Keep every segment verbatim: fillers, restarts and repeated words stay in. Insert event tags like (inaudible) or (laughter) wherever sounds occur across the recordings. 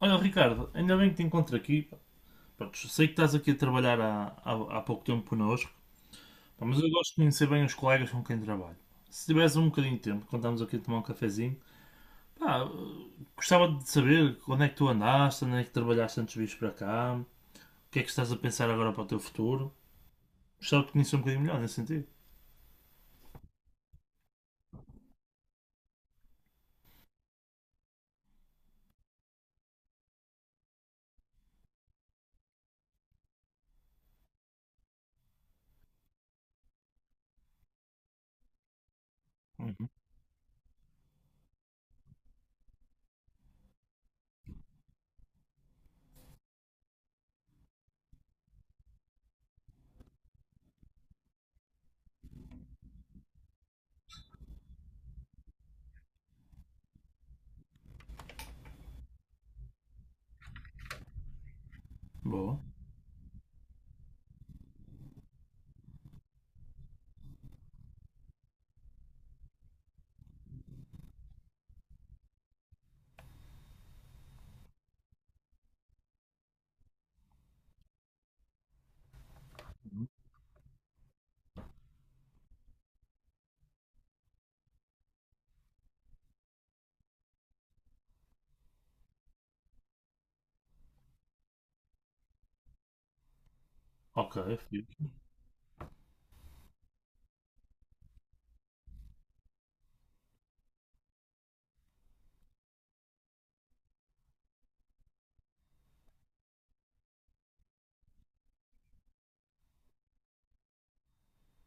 Olha, Ricardo, ainda bem que te encontro aqui, pá. Pronto, sei que estás aqui a trabalhar há, há, há pouco tempo connosco, pá, mas eu gosto de conhecer bem os colegas com quem trabalho. Se tivesse um bocadinho de tempo, quando estamos aqui a tomar um cafezinho, pá, eh, gostava de saber onde é que tu andaste, onde é que trabalhaste antes de vires para cá, o que é que estás a pensar agora para o teu futuro. Gostava de conhecer um bocadinho melhor nesse sentido. Uhum. Boa. Ok, fixe.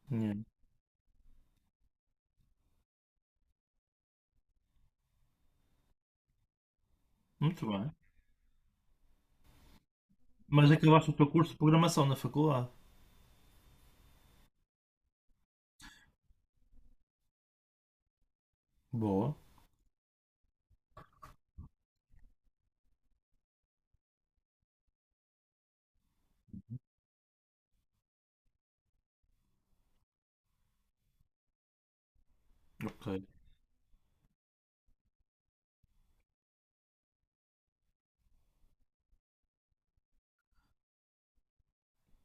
Yeah. Muito bem. Mas acabaste o teu curso de programação na faculdade? Boa. Ok.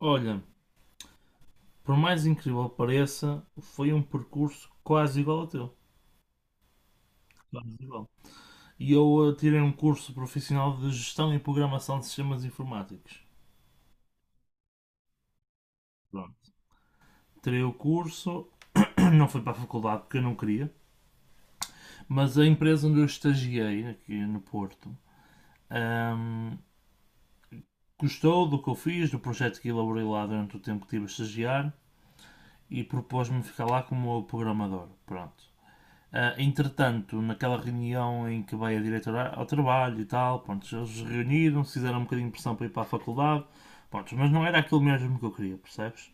Olha, por mais incrível que pareça, foi um percurso quase igual ao teu. Quase igual. E eu eh, tirei um curso profissional de gestão e programação de sistemas informáticos. Pronto. Tirei o curso, (clears throat) não fui para a faculdade porque eu não queria, mas a empresa onde eu estagiei, aqui no Porto, ahm, gostou do que eu fiz, do projeto que elaborei lá durante o tempo que estive a estagiar e propôs-me ficar lá como programador. Pronto. Ah, entretanto, naquela reunião em que veio a diretora ao trabalho e tal, pronto, eles reuniram-se, fizeram um bocadinho de pressão para ir para a faculdade, pronto, mas não era aquilo mesmo que eu queria, percebes?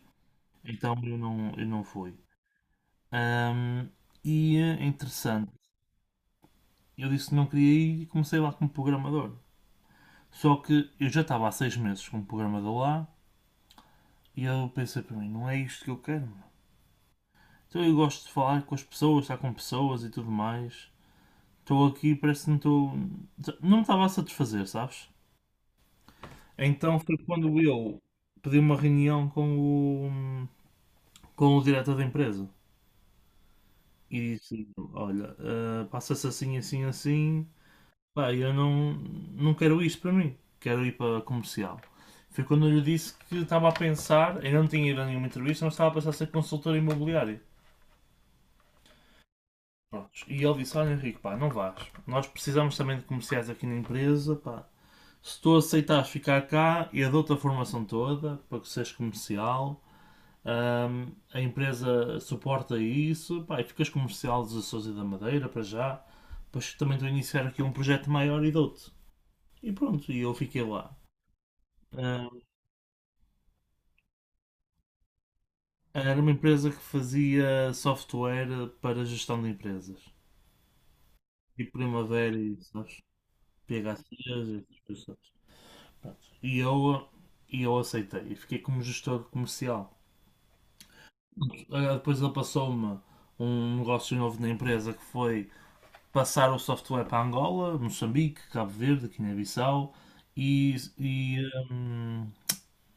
Então eu não, eu não fui. Ahm, e eh, interessante, eu disse que não queria ir e comecei lá como programador. Só que eu já estava há seis meses como programador lá e eu pensei para mim, não é isto que eu quero, meu. Então eu gosto de falar com as pessoas, estar com pessoas e tudo mais. Estou aqui, parece que não estou. Não me estava a satisfazer, sabes? Então foi quando eu pedi uma reunião com o, com o diretor da empresa e disse: Olha, eh, passa-se assim, assim, assim. Pá, eu não, não quero isto para mim, quero ir para comercial. Foi quando eu lhe disse que estava a pensar, eu não tinha ido a nenhuma entrevista, mas estava a pensar em ser consultor imobiliário. Prontos. E ele disse: Olha, Henrique, pá, não vás. Nós precisamos também de comerciais aqui na empresa, pá. Se tu aceitares ficar cá, eu dou-te a formação toda para que sejas comercial. Ahm, a empresa suporta isso, pá, e ficas comercial dos Açores e da Madeira para já. Depois também estou a iniciar aqui um projeto maior e dou-te. E pronto, e eu fiquei lá. Ahm, era uma empresa que fazia software para gestão de empresas. E Primavera e, sabes, P H Cs e essas coisas. Pronto. E eu, e eu aceitei. E fiquei como gestor comercial. Ah, depois ele passou-me um negócio novo na empresa que foi passar o software para Angola, Moçambique, Cabo Verde, Guiné-Bissau e, e, hum,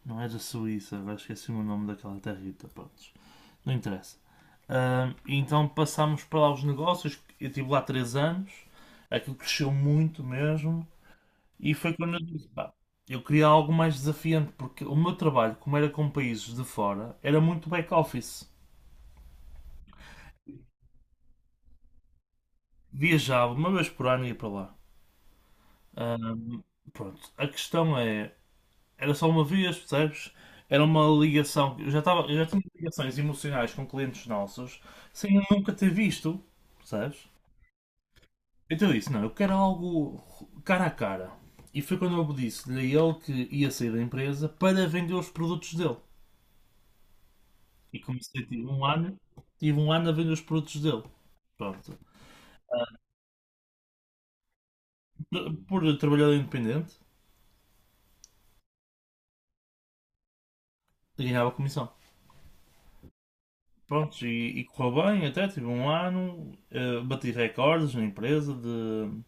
não era Suíça, agora esqueci-me o nome daquela territa, pronto, não interessa. Hum, então passámos para lá os negócios, eu estive lá três anos, aquilo cresceu muito mesmo e foi quando eu disse, pá, eu queria algo mais desafiante, porque o meu trabalho, como era com países de fora, era muito back-office. Viajava uma vez por ano e ia para lá. Ahm, pronto, a questão é, era só uma vez, percebes? Era uma ligação. Eu já, tava, eu já tinha ligações emocionais com clientes nossos sem eu nunca ter visto, percebes? Então eu disse: não, eu quero algo cara a cara. E foi quando eu disse-lhe a ele que ia sair da empresa para vender os produtos dele. E comecei, tive um ano, tive um ano a vender os produtos dele. Pronto. Por trabalhador independente, ganhava comissão. Prontos, e, e correu bem até, tive um ano, eh, bati recordes na empresa de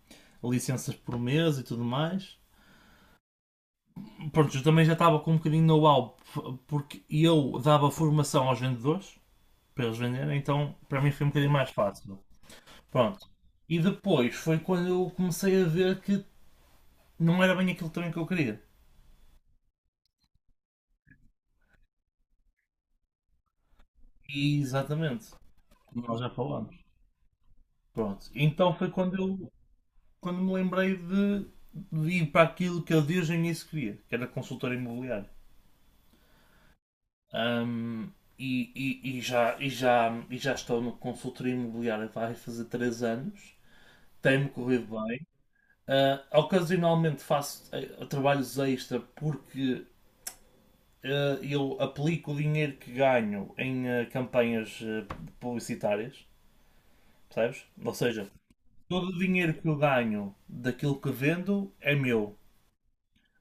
licenças por mês e tudo mais. Pronto, eu também já estava com um bocadinho de know-how, porque eu dava formação aos vendedores, para eles venderem, então para mim foi um bocadinho mais fácil. Pronto. E depois foi quando eu comecei a ver que não era bem aquilo também que eu queria. E, exatamente, como nós já falamos. Pronto, então foi quando eu quando me lembrei de, de ir para aquilo que eu desde o início queria, que era consultor imobiliário. Ahm, e, e- e já, e, já, e já estou no consultor imobiliário vai fazer três anos, tem-me corrido bem. Ah, ocasionalmente faço eh, trabalhos extra porque eh, eu aplico o dinheiro que ganho em eh, campanhas eh, publicitárias, percebes? Ou seja, todo o dinheiro que eu ganho daquilo que vendo é meu.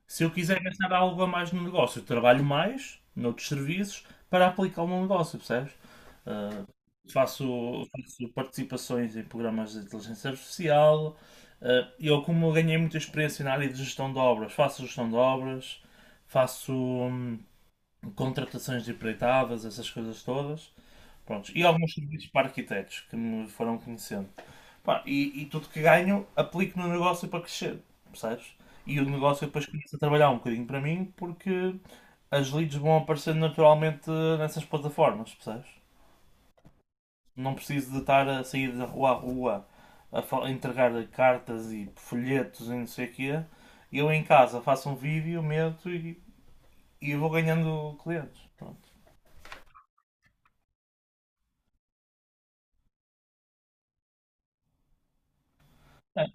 Se eu quiser gastar algo a mais no negócio, eu trabalho mais noutros serviços para aplicá-lo no negócio, percebes? Ah, faço, faço participações em programas de inteligência artificial. Ah, eu, como ganhei muita experiência na área de gestão de obras, faço gestão de obras, faço hum, contratações de empreitadas, essas coisas todas. Prontos. E alguns serviços para arquitetos que me foram conhecendo. Pá, e, e tudo que ganho aplico no negócio para crescer, percebes? E o negócio depois começa a trabalhar um bocadinho para mim porque as leads vão aparecendo naturalmente nessas plataformas, percebes? Não preciso de estar a sair da rua a rua a fa- a entregar cartas e folhetos e não sei o quê. Eu em casa faço um vídeo, meto e, e vou ganhando clientes. Pronto. É,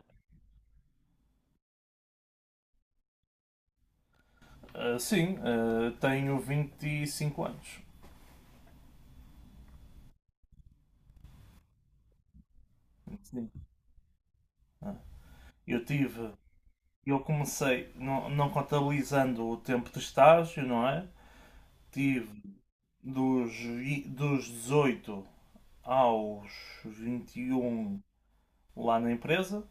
ah, sim, ah, tenho vinte e cinco anos. Eu tive, eu comecei, não, não contabilizando o tempo de estágio, não é? Tive dos, vi- dos dezoito aos vinte e um lá na empresa,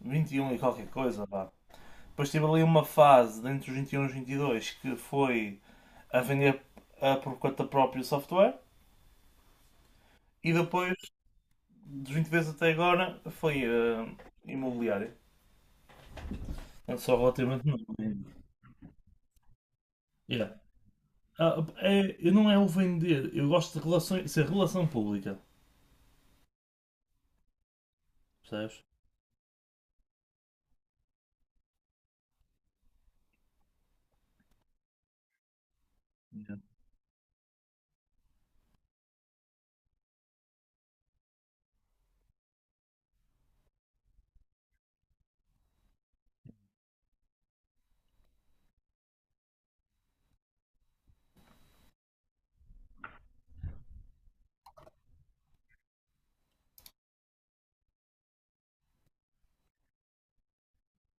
vinte e um e qualquer coisa, vá. Depois tive ali uma fase, entre os vinte e um e os vinte e dois que foi a vender a por conta própria o software. E depois, dos vinte vezes até agora, foi ah, imobiliário. Portanto, só relativamente novo ainda. Yeah. Ah, é- eu não é o vender, eu gosto de relações, ser relação pública, percebes? Yeah.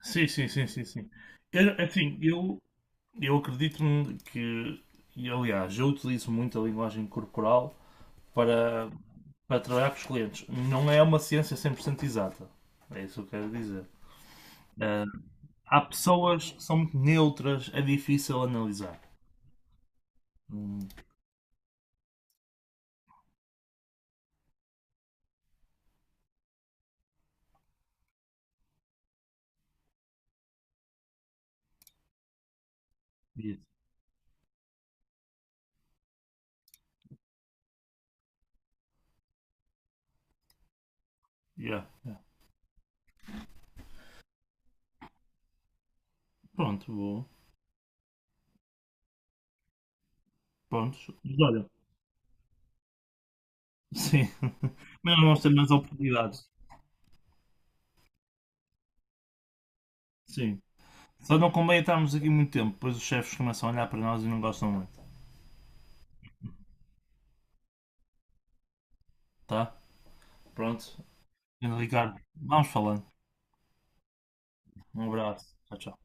Sim, sim, sim, sim, sim. Eu, assim, eu, eu acredito num- que, e aliás, eu utilizo muito a linguagem corporal para, para trabalhar com os clientes. Não é uma ciência cem por cento exata, é isso que eu quero dizer. Ah, há pessoas que são muito neutras, é difícil analisar. Hum, isso. Yeah, yeah. Pronto, vou. Pronto. Olha. Sim. (laughs) Mas não vamos ter mais oportunidades. Sim. Só não convém estarmos aqui muito tempo, pois os chefes começam a olhar para nós e não gostam muito. Tá? Pronto. Ricardo, vamos falando. Um abraço. Tchau, tchau.